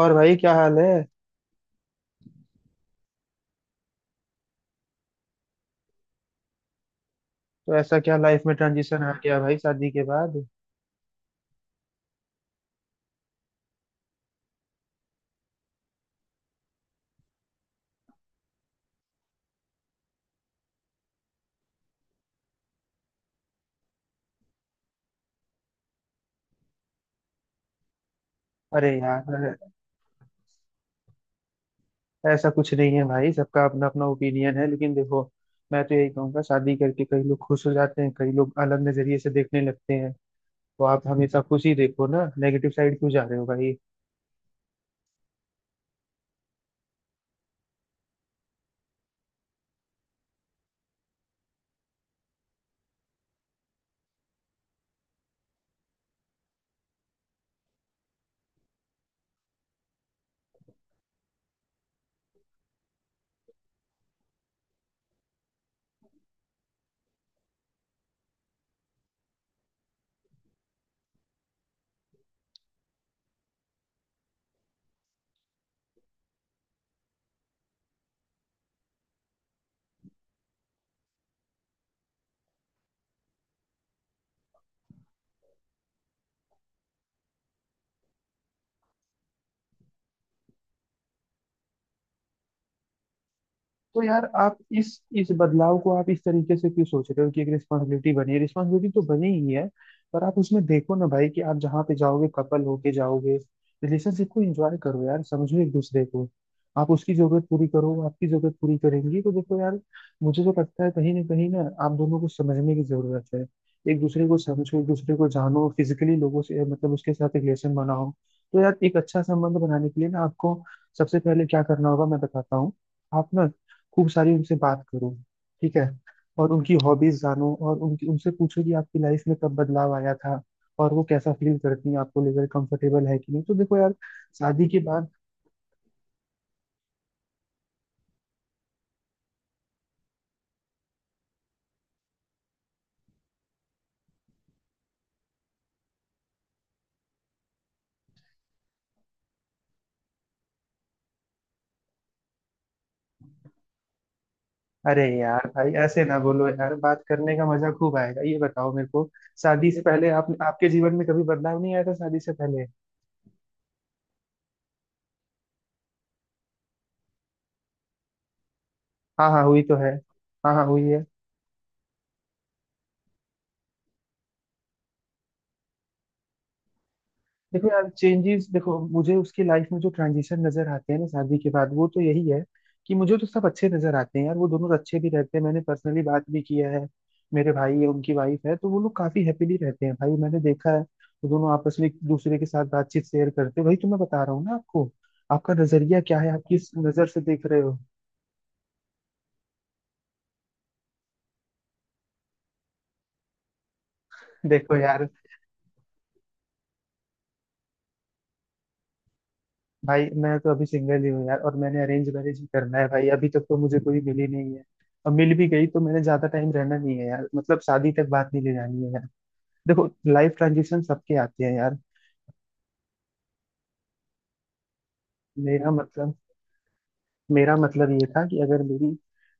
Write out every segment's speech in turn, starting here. और भाई क्या हाल है। तो ऐसा क्या लाइफ में ट्रांजिशन आ गया भाई शादी के बाद? अरे यार, ऐसा कुछ नहीं है भाई। सबका अपना अपना ओपिनियन है, लेकिन देखो, मैं तो यही कहूंगा शादी करके कई लोग खुश हो जाते हैं, कई लोग अलग नजरिए से देखने लगते हैं। तो आप हमेशा खुशी देखो ना, नेगेटिव साइड क्यों जा रहे हो भाई? तो यार आप इस बदलाव को आप इस तरीके से क्यों सोच रहे हो कि एक रिस्पॉन्सिबिलिटी बनी है? रिस्पॉन्सिबिलिटी तो बनी ही है, पर आप उसमें देखो ना भाई कि आप जहाँ पे जाओगे कपल होके जाओगे। रिलेशनशिप को एंजॉय करो यार, समझो एक दूसरे को। आप उसकी जरूरत पूरी करो, वो आपकी जरूरत पूरी करेंगी। तो देखो यार, मुझे तो लगता है कहीं ना कहीं ना, आप दोनों को समझने की जरूरत है। एक दूसरे को समझो, एक दूसरे को जानो, फिजिकली लोगों से मतलब उसके साथ रिलेशन बनाओ। तो यार एक अच्छा संबंध बनाने के लिए ना आपको सबसे पहले क्या करना होगा मैं बताता हूँ। आप ना खूब सारी उनसे बात करो। ठीक है। और उनकी हॉबीज जानो, और उनकी उनसे पूछो कि आपकी लाइफ में कब बदलाव आया था और वो कैसा फील करती हैं, आपको लेकर कंफर्टेबल है कि नहीं। तो देखो यार, शादी के बाद। अरे यार भाई, ऐसे ना बोलो यार, बात करने का मजा खूब आएगा। ये बताओ मेरे को, शादी से पहले आप आपके जीवन में कभी बदलाव नहीं आया था शादी से पहले? हाँ हाँ, हुई तो है। हाँ हाँ, हुई है। देखो यार, चेंजेस देखो, मुझे उसकी लाइफ में जो ट्रांजिशन नजर आते हैं ना शादी के बाद, वो तो यही है कि मुझे तो सब अच्छे नजर आते हैं यार। वो दोनों अच्छे भी रहते हैं, मैंने पर्सनली बात भी किया है। मेरे भाई है, उनकी वाइफ है, तो वो लोग काफी हैप्पीली रहते हैं भाई, मैंने देखा है। वो दोनों आपस में एक दूसरे के साथ बातचीत शेयर करते हैं। वही तो मैं बता रहा हूँ ना आपको, आपका नजरिया क्या है, आप किस नजर से देख रहे हो? देखो यार, भाई मैं तो अभी सिंगल ही हूँ यार, और मैंने अरेंज मैरिज ही करना है भाई। अभी तक तो मुझे कोई मिली नहीं है। और मिल भी गई तो मैंने ज्यादा टाइम रहना नहीं है यार, मतलब शादी तक बात नहीं ले जानी है यार। देखो, लाइफ ट्रांजिशन सबके आते हैं यार। मेरा मतलब मेरा मतलब ये था कि अगर मेरी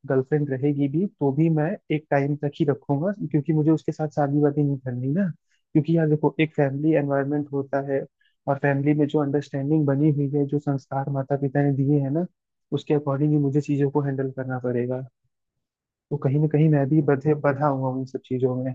गर्लफ्रेंड रहेगी भी तो भी मैं एक टाइम तक ही रखूंगा, क्योंकि मुझे उसके साथ शादी वादी नहीं करनी ना। क्योंकि यार देखो, एक फैमिली एनवायरनमेंट होता है, और फैमिली में जो अंडरस्टैंडिंग बनी हुई है, जो संस्कार माता पिता ने दिए हैं ना, उसके अकॉर्डिंग ही मुझे चीजों को हैंडल करना पड़ेगा। तो कहीं ना कहीं मैं भी बधे बंधा हुआ हूँ इन सब चीजों में।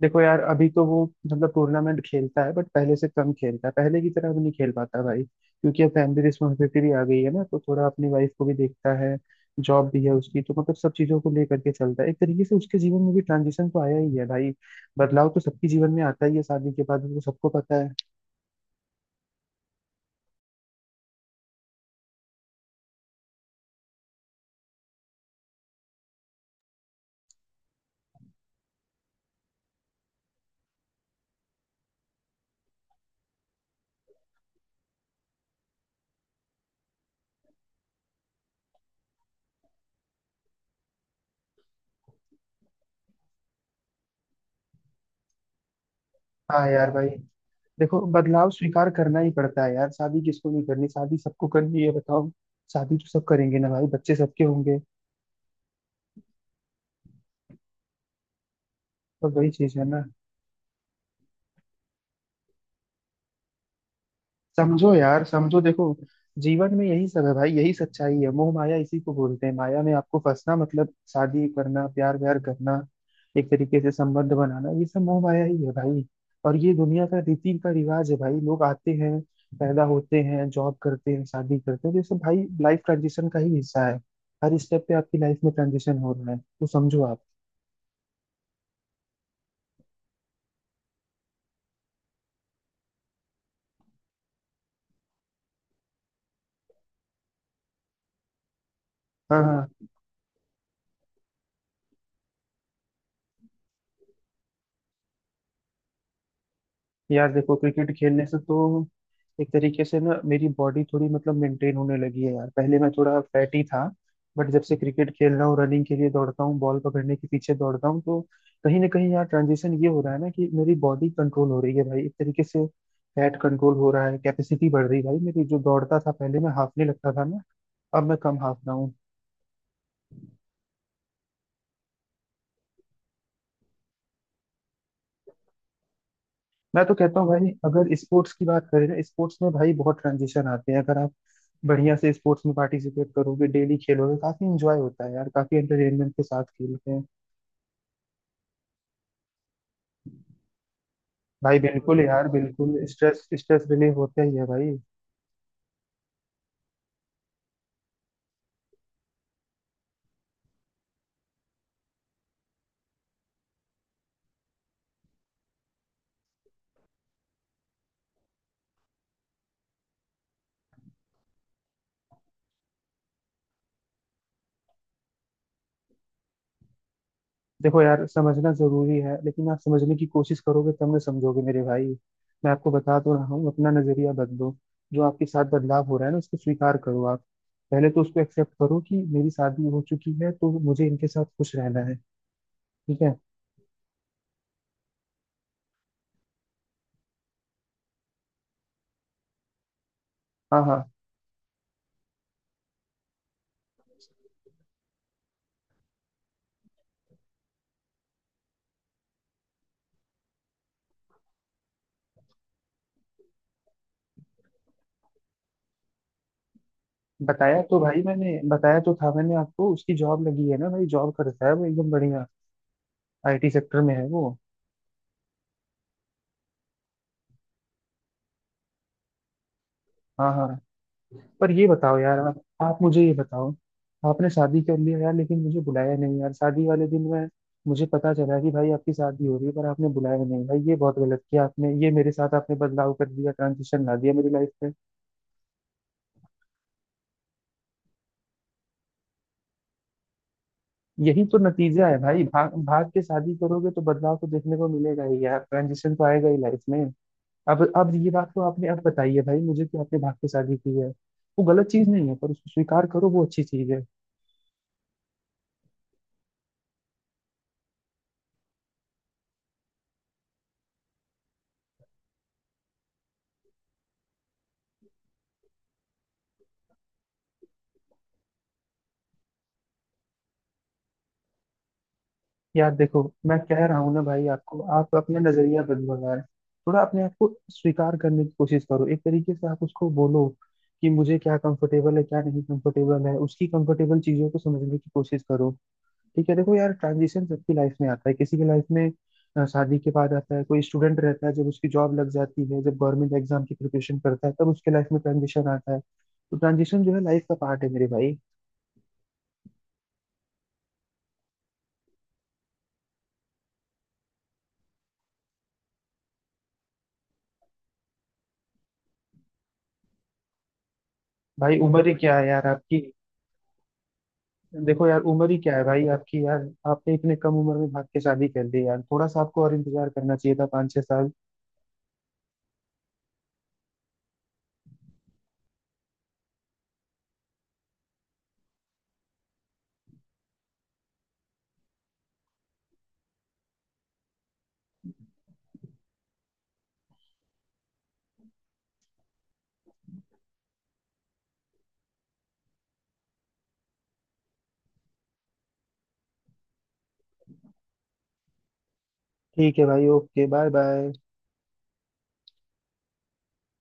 देखो यार, अभी तो वो मतलब टूर्नामेंट खेलता है, बट पहले से कम खेलता है, पहले की तरह अब नहीं खेल पाता भाई, क्योंकि अब फैमिली रिस्पॉन्सिबिलिटी भी आ गई है ना, तो थोड़ा अपनी वाइफ को भी देखता है। जॉब भी है उसकी, तो मतलब सब चीजों को लेकर के चलता है। एक तरीके से उसके जीवन में भी ट्रांजिशन तो आया ही है भाई। बदलाव तो सबके जीवन में आता ही है शादी के बाद, वो सबको पता है। हाँ यार भाई, देखो, बदलाव स्वीकार करना ही पड़ता है यार। शादी किसको नहीं करनी, शादी सबको करनी है, बताओ। शादी तो सब करेंगे ना भाई, बच्चे सबके होंगे। तो वही चीज है ना। समझो यार, समझो, देखो, जीवन में यही सब है भाई, यही सच्चाई है। मोह माया इसी को बोलते हैं, माया में आपको फंसना मतलब शादी करना, प्यार व्यार करना, एक तरीके से संबंध बनाना, ये सब मोह माया ही है भाई। और ये दुनिया का रीति का रिवाज है भाई, लोग आते हैं, पैदा होते हैं, जॉब करते हैं, शादी करते हैं, तो ये सब भाई लाइफ ट्रांजिशन का ही हिस्सा है। हर स्टेप पे आपकी लाइफ में ट्रांजिशन हो रहा है, तो समझो आप। हाँ हाँ। यार देखो, क्रिकेट खेलने से तो एक तरीके से ना मेरी बॉडी थोड़ी मतलब मेंटेन होने लगी है यार, पहले मैं थोड़ा फैटी था, बट जब से क्रिकेट खेल रहा हूँ, रनिंग के लिए दौड़ता हूँ, बॉल पकड़ने के पीछे दौड़ता हूँ, तो कहीं ना कहीं यार ट्रांजिशन ये हो रहा है ना कि मेरी बॉडी कंट्रोल हो रही है भाई। एक तरीके से फैट कंट्रोल हो रहा है, कैपेसिटी बढ़ रही है भाई मेरी। जो दौड़ता था पहले, मैं हाफने लगता था ना, अब मैं कम हाफ रहा हूँ। मैं तो कहता हूँ भाई अगर स्पोर्ट्स की बात करें ना, स्पोर्ट्स में भाई बहुत ट्रांजिशन आते हैं। अगर आप बढ़िया से स्पोर्ट्स में पार्टिसिपेट करोगे, डेली खेलोगे, काफी एंजॉय होता है यार, काफी एंटरटेनमेंट के साथ खेलते हैं। भाई बिल्कुल बिल्कुल यार, बिल्कुल बिल्कुल, स्ट्रेस स्ट्रेस रिलीव होता ही है भाई। देखो यार, समझना जरूरी है, लेकिन आप समझने की कोशिश करोगे तब ना समझोगे मेरे भाई। मैं आपको बता तो रहा हूँ, अपना नजरिया बदलो। जो आपके साथ बदलाव हो रहा है ना, उसको स्वीकार करो आप। पहले तो उसको एक्सेप्ट करो कि मेरी शादी हो चुकी है, तो मुझे इनके साथ खुश रहना है। ठीक है। हाँ हाँ। बताया तो भाई, मैंने बताया तो था मैंने आपको, उसकी जॉब लगी है ना भाई, जॉब करता है वो एकदम बढ़िया। आईटी सेक्टर में है वो। हाँ हाँ। पर ये बताओ यार, आप मुझे ये बताओ, आपने शादी कर लिया यार, लेकिन मुझे बुलाया नहीं यार। शादी वाले दिन में मुझे पता चला कि भाई आपकी शादी हो रही है, पर आपने बुलाया नहीं भाई। ये बहुत गलत किया आपने, ये मेरे साथ आपने बदलाव कर दिया, ट्रांजिशन ला दिया मेरी लाइफ में। यही तो नतीजा है भाई, भाग भाग के शादी करोगे तो बदलाव तो देखने को मिलेगा ही यार, ट्रांजिशन तो आएगा ही लाइफ में। अब ये बात तो आपने अब बताई है भाई मुझे, कि आपने भाग के शादी की है। वो गलत चीज नहीं है, पर उसको स्वीकार करो, वो अच्छी चीज है। यार देखो, मैं कह रहा हूँ ना भाई आपको, आप अपना नजरिया बदलो यार। थोड़ा अपने आप को स्वीकार करने की कोशिश करो। एक तरीके से आप उसको बोलो कि मुझे क्या कंफर्टेबल है, क्या नहीं कंफर्टेबल है, उसकी कंफर्टेबल चीजों को समझने की कोशिश करो। ठीक है। देखो यार, ट्रांजिशन सबकी लाइफ में आता है। किसी की लाइफ में शादी के बाद आता है, कोई स्टूडेंट रहता है जब उसकी जॉब लग जाती है, जब गवर्नमेंट एग्जाम की प्रिपरेशन करता है तब उसके लाइफ में ट्रांजिशन आता है। तो ट्रांजिशन जो है लाइफ का पार्ट है मेरे भाई। भाई उम्र ही क्या है यार आपकी। देखो यार, उम्र ही क्या है भाई आपकी यार, आपने इतने कम उम्र में भाग के शादी कर ली यार, थोड़ा सा आपको और इंतजार करना चाहिए था, 5-6 साल। ठीक है भाई, ओके, बाय बाय।